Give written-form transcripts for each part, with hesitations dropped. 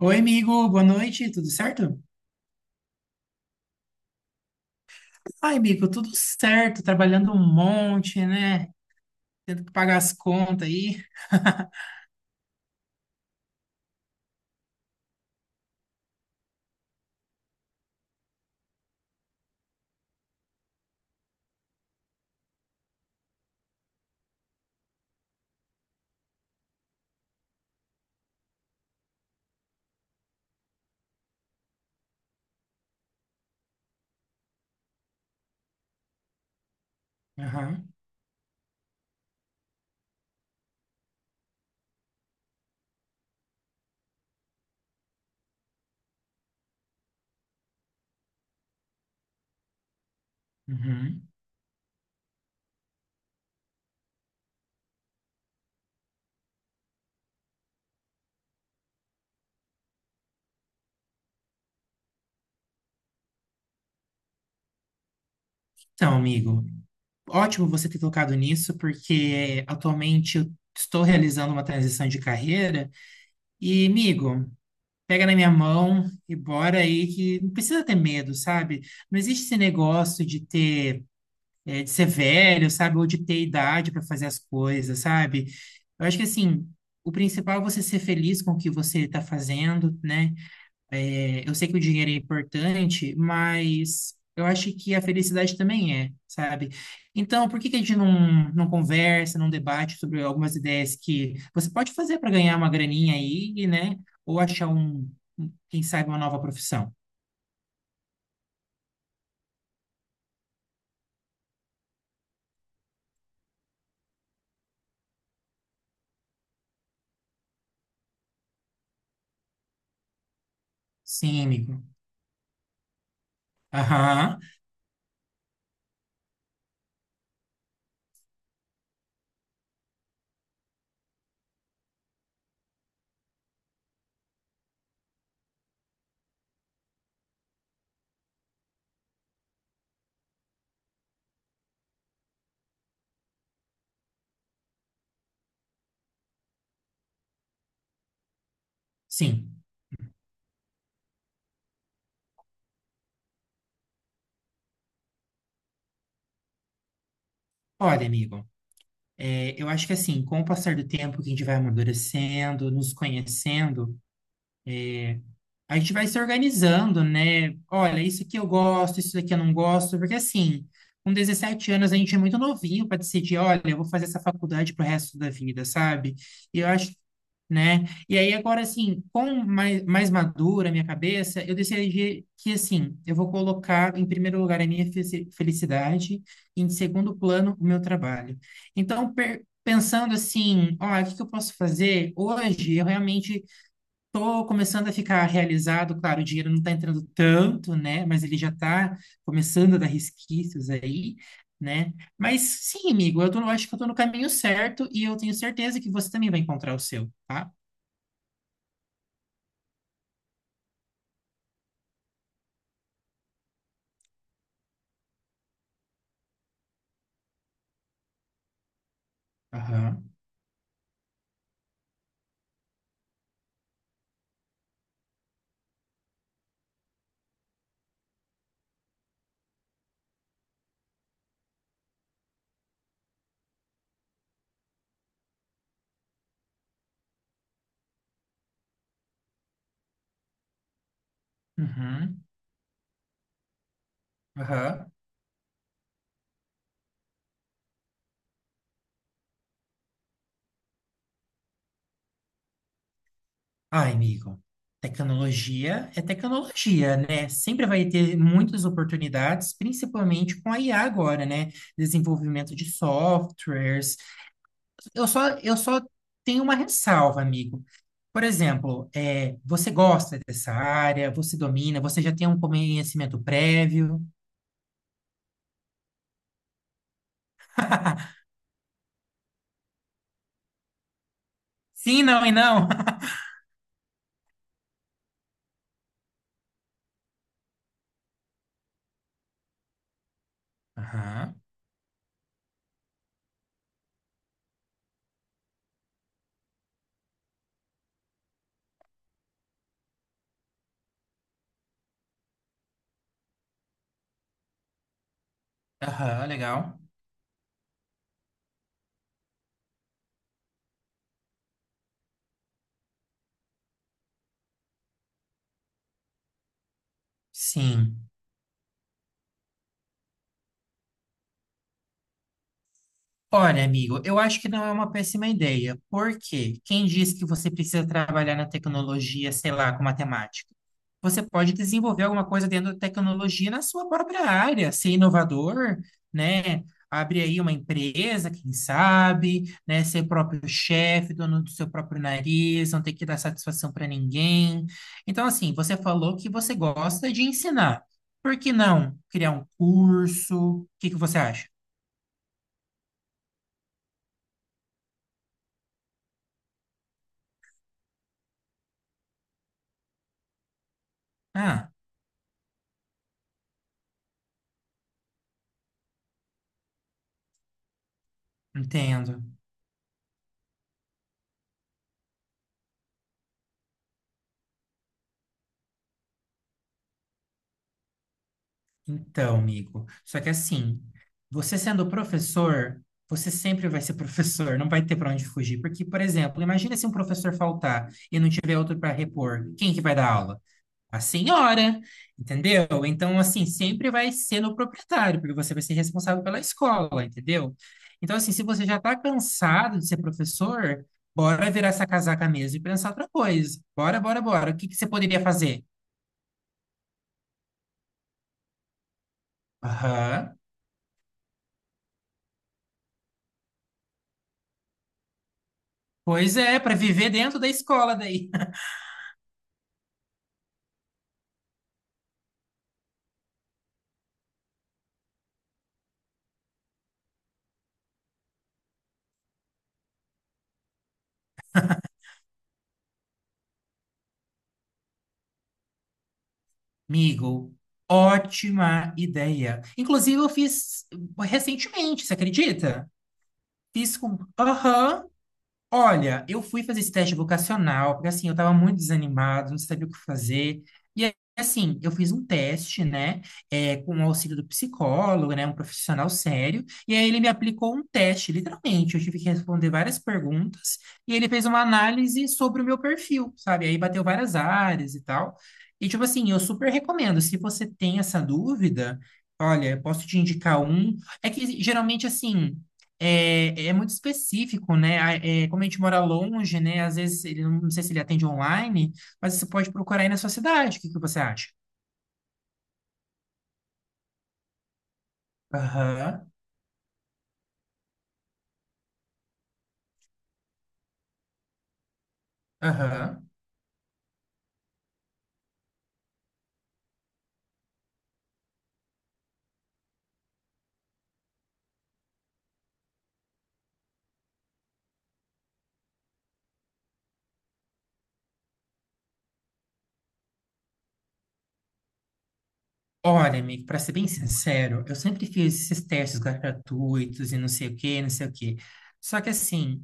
Oi, amigo, boa noite, tudo certo? Ai, amigo, tudo certo, trabalhando um monte, né? Tendo que pagar as contas aí. Aham, uhum. Então, amigo, ótimo você ter tocado nisso, porque atualmente eu estou realizando uma transição de carreira. E, amigo, pega na minha mão e bora aí, que não precisa ter medo, sabe? Não existe esse negócio de ter, de ser velho, sabe? Ou de ter idade para fazer as coisas, sabe? Eu acho que assim, o principal é você ser feliz com o que você está fazendo, né? É, eu sei que o dinheiro é importante, mas eu acho que a felicidade também é, sabe? Então, por que que a gente não conversa, não debate sobre algumas ideias que você pode fazer para ganhar uma graninha aí, né? Ou achar quem sabe, uma nova profissão? Sim, amigo. Aham, sim. Olha, amigo. É, eu acho que assim, com o passar do tempo que a gente vai amadurecendo, nos conhecendo, a gente vai se organizando, né? Olha, isso aqui eu gosto, isso daqui eu não gosto, porque assim, com 17 anos a gente é muito novinho para decidir, olha, eu vou fazer essa faculdade pro resto da vida, sabe? E eu acho, né? E aí agora, assim, com mais madura a minha cabeça, eu decidi que, assim, eu vou colocar em primeiro lugar a minha felicidade e em segundo plano o meu trabalho. Então, pensando assim, ó, o que que eu posso fazer hoje? Eu realmente tô começando a ficar realizado, claro, o dinheiro não tá entrando tanto, né? Mas ele já tá começando a dar resquícios aí, né? Mas sim, amigo, eu tô, eu acho que eu tô no caminho certo e eu tenho certeza que você também vai encontrar o seu, tá? Aham, uhum, aham. Ai, amigo, tecnologia é tecnologia, né? Sempre vai ter muitas oportunidades, principalmente com a IA agora, né? Desenvolvimento de softwares. Eu só tenho uma ressalva, amigo. Por exemplo, você gosta dessa área, você domina, você já tem um conhecimento prévio? Sim, não e não. Aham, aham, legal. Sim. Olha, amigo, eu acho que não é uma péssima ideia. Por quê? Quem diz que você precisa trabalhar na tecnologia, sei lá, com matemática? Você pode desenvolver alguma coisa dentro da tecnologia na sua própria área, ser inovador, né? Abre aí uma empresa, quem sabe, né? Ser próprio chefe, dono do seu próprio nariz, não ter que dar satisfação para ninguém. Então, assim, você falou que você gosta de ensinar. Por que não criar um curso? O que que você acha? Ah, entendo. Então, amigo, só que assim, você sendo professor, você sempre vai ser professor, não vai ter para onde fugir. Porque, por exemplo, imagina se um professor faltar e não tiver outro para repor, quem que vai dar aula? A senhora, entendeu? Então, assim, sempre vai ser no proprietário, porque você vai ser responsável pela escola, entendeu? Então, assim, se você já está cansado de ser professor, bora virar essa casaca mesmo e pensar outra coisa. Bora, bora, bora. O que que você poderia fazer? Aham. Pois é, para viver dentro da escola daí. Amigo, ótima ideia. Inclusive, eu fiz recentemente, você acredita? Fiz com. Aham. Olha, eu fui fazer esse teste vocacional, porque assim, eu tava muito desanimado, não sabia o que fazer. E aí, assim, eu fiz um teste, né, com o auxílio do psicólogo, né, um profissional sério, e aí ele me aplicou um teste, literalmente. Eu tive que responder várias perguntas, e ele fez uma análise sobre o meu perfil, sabe? Aí bateu várias áreas e tal. E tipo assim, eu super recomendo, se você tem essa dúvida, olha, eu posso te indicar um. É que geralmente assim. É, é muito específico, né? Como a gente mora longe, né? Às vezes, ele, não sei se ele atende online, mas você pode procurar aí na sua cidade. O que que você acha? Aham, aham. Olha, amigo, para ser bem sincero, eu sempre fiz esses testes gratuitos e não sei o quê, não sei o quê. Só que assim,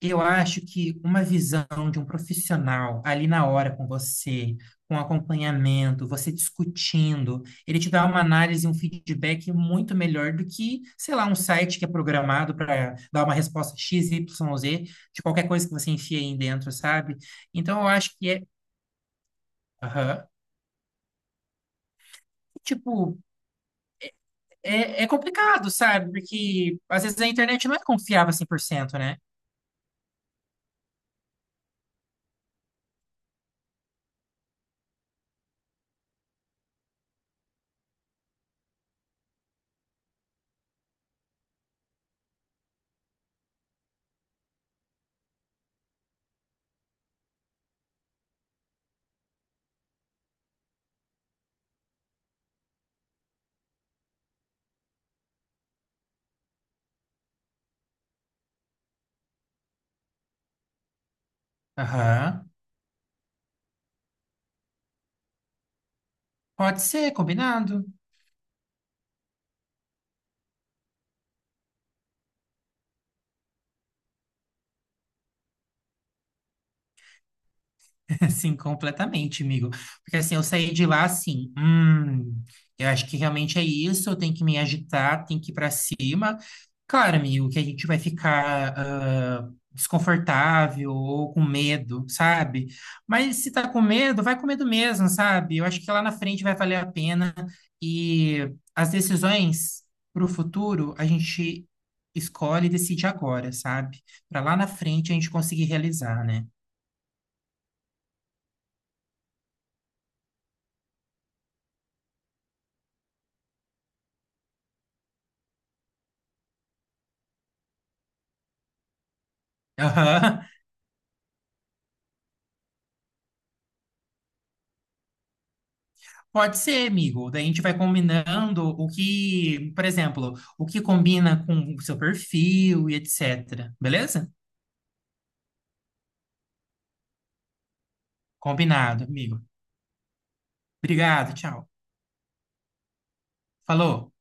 eu acho que uma visão de um profissional ali na hora com você, com acompanhamento, você discutindo, ele te dá uma análise, um feedback muito melhor do que, sei lá, um site que é programado para dar uma resposta X, Y, Z de qualquer coisa que você enfia aí dentro, sabe? Então eu acho que é, aham. Tipo, é complicado, sabe? Porque às vezes a internet não é confiável 100%, né? Aham. Pode ser, combinado. Assim, completamente, amigo. Porque assim, eu saí de lá assim, eu acho que realmente é isso, eu tenho que me agitar, tenho que ir pra cima. Claro, amigo, que a gente vai ficar desconfortável ou com medo, sabe? Mas se tá com medo, vai com medo mesmo, sabe? Eu acho que lá na frente vai valer a pena e as decisões pro futuro a gente escolhe e decide agora, sabe? Pra lá na frente a gente conseguir realizar, né? Aham. Pode ser, amigo. Daí a gente vai combinando o que, por exemplo, o que combina com o seu perfil e etc. Beleza? Combinado, amigo. Obrigado, tchau. Falou.